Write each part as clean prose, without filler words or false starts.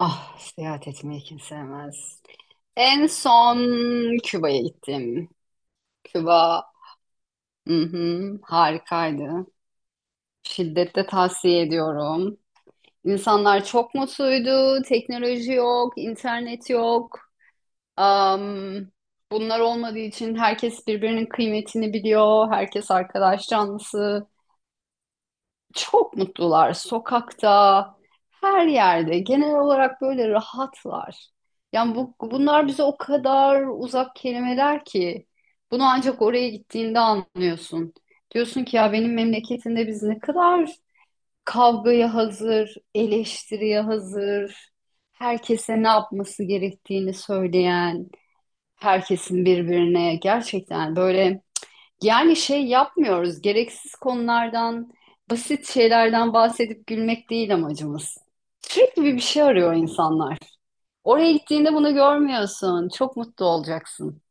Ah, seyahat etmeyi kim sevmez. En son Küba'ya gittim. Küba, hı hı, harikaydı. Şiddetle tavsiye ediyorum. İnsanlar çok mutluydu. Teknoloji yok, internet yok. Am, bunlar olmadığı için herkes birbirinin kıymetini biliyor. Herkes arkadaş canlısı. Çok mutlular. Sokakta, her yerde. Genel olarak böyle rahatlar. Yani bunlar bize o kadar uzak kelimeler ki. Bunu ancak oraya gittiğinde anlıyorsun. Diyorsun ki ya benim memleketimde biz ne kadar kavgaya hazır, eleştiriye hazır, herkese ne yapması gerektiğini söyleyen, herkesin birbirine gerçekten böyle yani şey yapmıyoruz. Gereksiz konulardan, basit şeylerden bahsedip gülmek değil amacımız. Sürekli bir şey arıyor insanlar. Oraya gittiğinde bunu görmüyorsun. Çok mutlu olacaksın.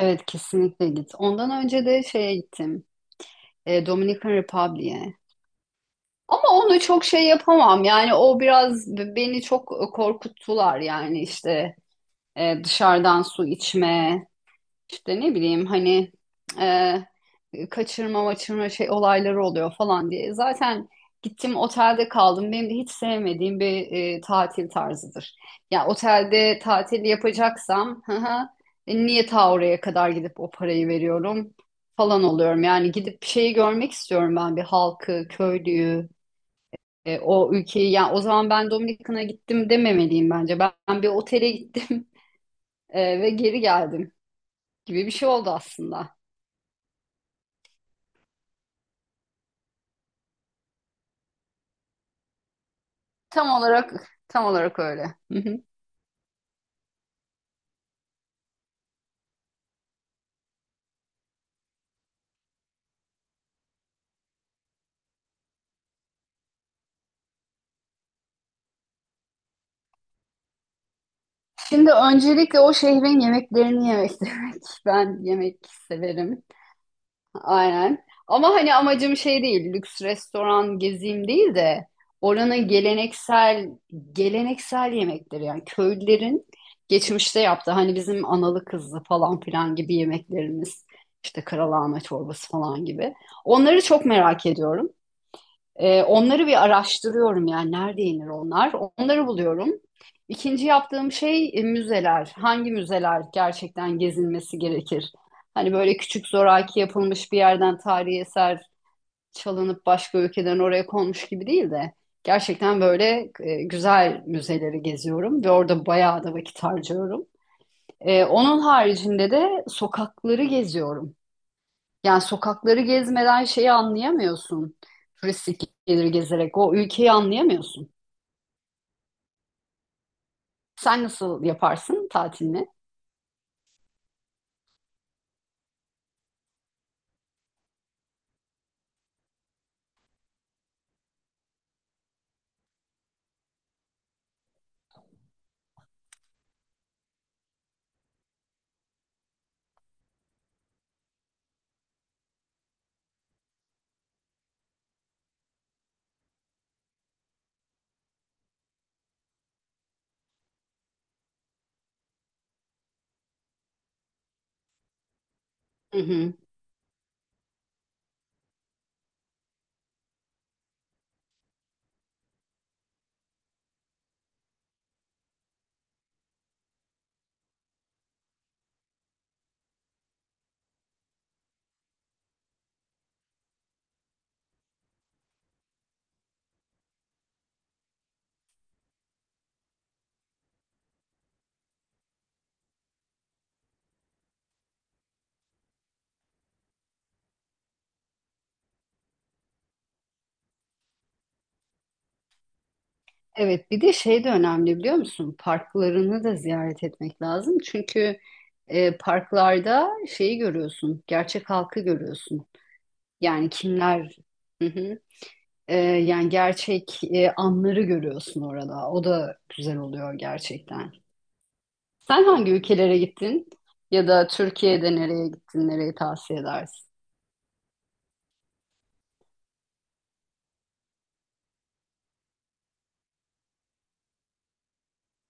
Evet kesinlikle git. Ondan önce de şeye gittim. Dominican Republic'e. Ama onu çok şey yapamam. Yani o biraz beni çok korkuttular. Yani işte dışarıdan su içme, İşte ne bileyim hani kaçırma maçırma şey olayları oluyor falan diye. Zaten gittim otelde kaldım. Benim de hiç sevmediğim bir tatil tarzıdır. Ya otelde tatil yapacaksam hı hı, niye ta oraya kadar gidip o parayı veriyorum falan oluyorum. Yani gidip bir şeyi görmek istiyorum ben, bir halkı, köylüyü, e, o ülkeyi. Yani o zaman ben Dominikan'a gittim dememeliyim bence. Ben bir otele gittim ve geri geldim gibi bir şey oldu aslında. Tam olarak tam olarak öyle. Hı hı. Şimdi öncelikle o şehrin yemeklerini yemek demek. Ben yemek severim. Aynen. Ama hani amacım şey değil, lüks restoran gezeyim değil de oranın geleneksel yemekleri, yani köylülerin geçmişte yaptığı, hani bizim analı kızlı falan filan gibi yemeklerimiz, işte karalahana çorbası falan gibi. Onları çok merak ediyorum. Onları bir araştırıyorum, yani nerede yenir onlar. Onları buluyorum. İkinci yaptığım şey müzeler. Hangi müzeler gerçekten gezilmesi gerekir? Hani böyle küçük zoraki yapılmış bir yerden tarihi eser çalınıp başka ülkeden oraya konmuş gibi değil de gerçekten böyle güzel müzeleri geziyorum ve orada bayağı da vakit harcıyorum. Onun haricinde de sokakları geziyorum. Yani sokakları gezmeden şeyi anlayamıyorsun. Turistik geliri gezerek o ülkeyi anlayamıyorsun. Sen nasıl yaparsın tatilini? Hı hı. Evet, bir de şey de önemli, biliyor musun? Parklarını da ziyaret etmek lazım. Çünkü parklarda şeyi görüyorsun, gerçek halkı görüyorsun. Yani kimler, hı hı. Yani gerçek anları görüyorsun orada. O da güzel oluyor gerçekten. Sen hangi ülkelere gittin? Ya da Türkiye'de nereye gittin? Nereyi tavsiye edersin?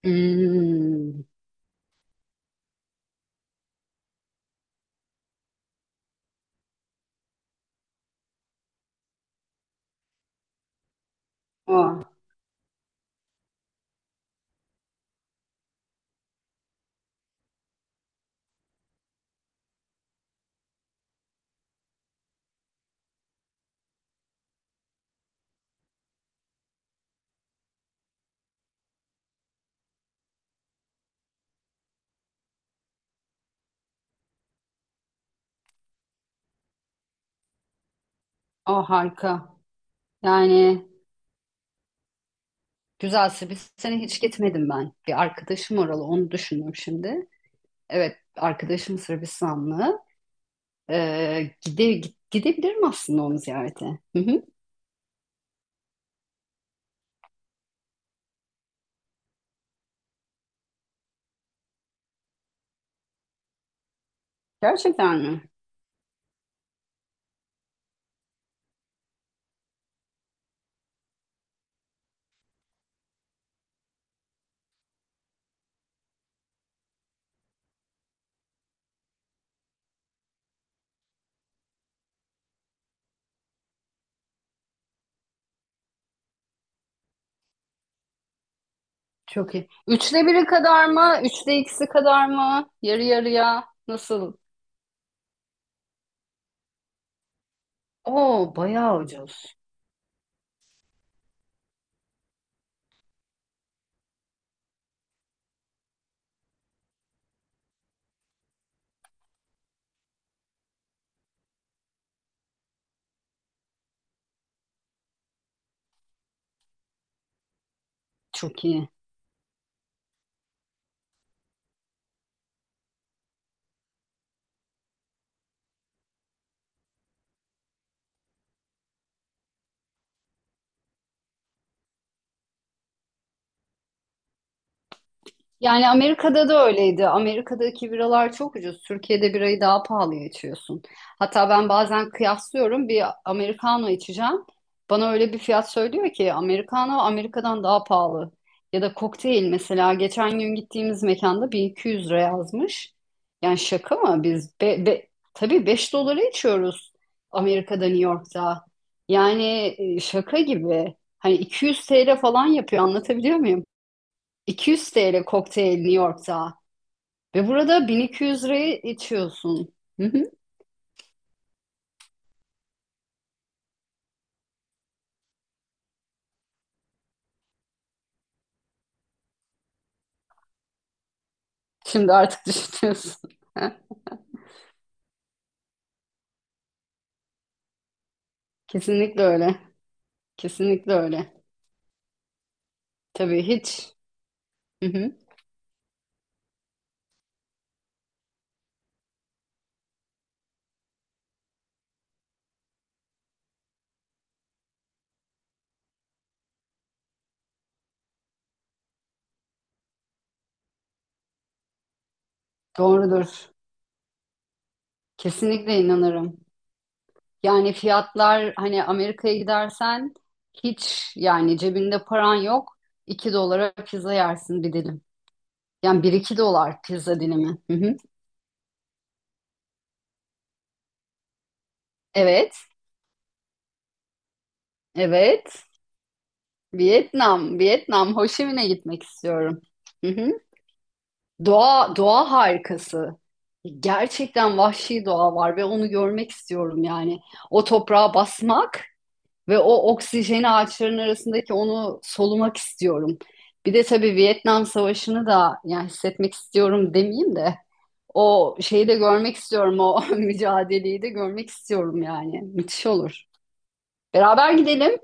Hmm. O, o harika. Yani güzel. Sırbistan'a hiç gitmedim ben. Bir arkadaşım oralı, onu düşündüm şimdi. Evet, arkadaşım Sırbistanlı. Ee, gide, gidebilirim aslında onu ziyarete. Hı hı. Gerçekten mi? Çok iyi. Üçte biri kadar mı? Üçte ikisi kadar mı? Yarı yarıya. Nasıl? Oo, bayağı ucuz. Çok iyi. Yani Amerika'da da öyleydi. Amerika'daki biralar çok ucuz. Türkiye'de birayı daha pahalıya içiyorsun. Hatta ben bazen kıyaslıyorum. Bir Americano içeceğim. Bana öyle bir fiyat söylüyor ki Americano Amerika'dan daha pahalı. Ya da kokteyl, mesela geçen gün gittiğimiz mekanda 1200 lira yazmış. Yani şaka mı? Tabii beş dolara içiyoruz Amerika'da, New York'ta. Yani şaka gibi. Hani 200 TL falan yapıyor, anlatabiliyor, 200 TL kokteyl New York'ta ve burada 1200 liraya içiyorsun. Hı hı. Şimdi artık düşünüyorsun. Ha, kesinlikle öyle. Kesinlikle öyle. Tabii hiç. Hı hı. Doğrudur. Kesinlikle inanırım. Yani fiyatlar, hani Amerika'ya gidersen hiç yani cebinde paran yok. 2 dolara pizza yersin, bir dilim. Yani 1 iki dolar pizza dilimi. Hı hı. Evet, evet. Vietnam, Vietnam. Ho Chi Minh'e gitmek istiyorum. Hı hı. Doğa, doğa harikası. Gerçekten vahşi doğa var ve onu görmek istiyorum yani. O toprağa basmak ve o oksijeni, ağaçların arasındaki onu solumak istiyorum. Bir de tabii Vietnam Savaşı'nı da yani hissetmek istiyorum demeyeyim de o şeyi de görmek istiyorum. O mücadeleyi de görmek istiyorum yani. Müthiş olur. Beraber gidelim.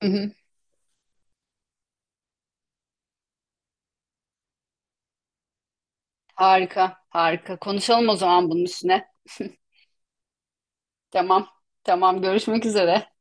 Hı hı. Harika, harika. Konuşalım o zaman bunun üstüne. Tamam, tamam. Görüşmek üzere.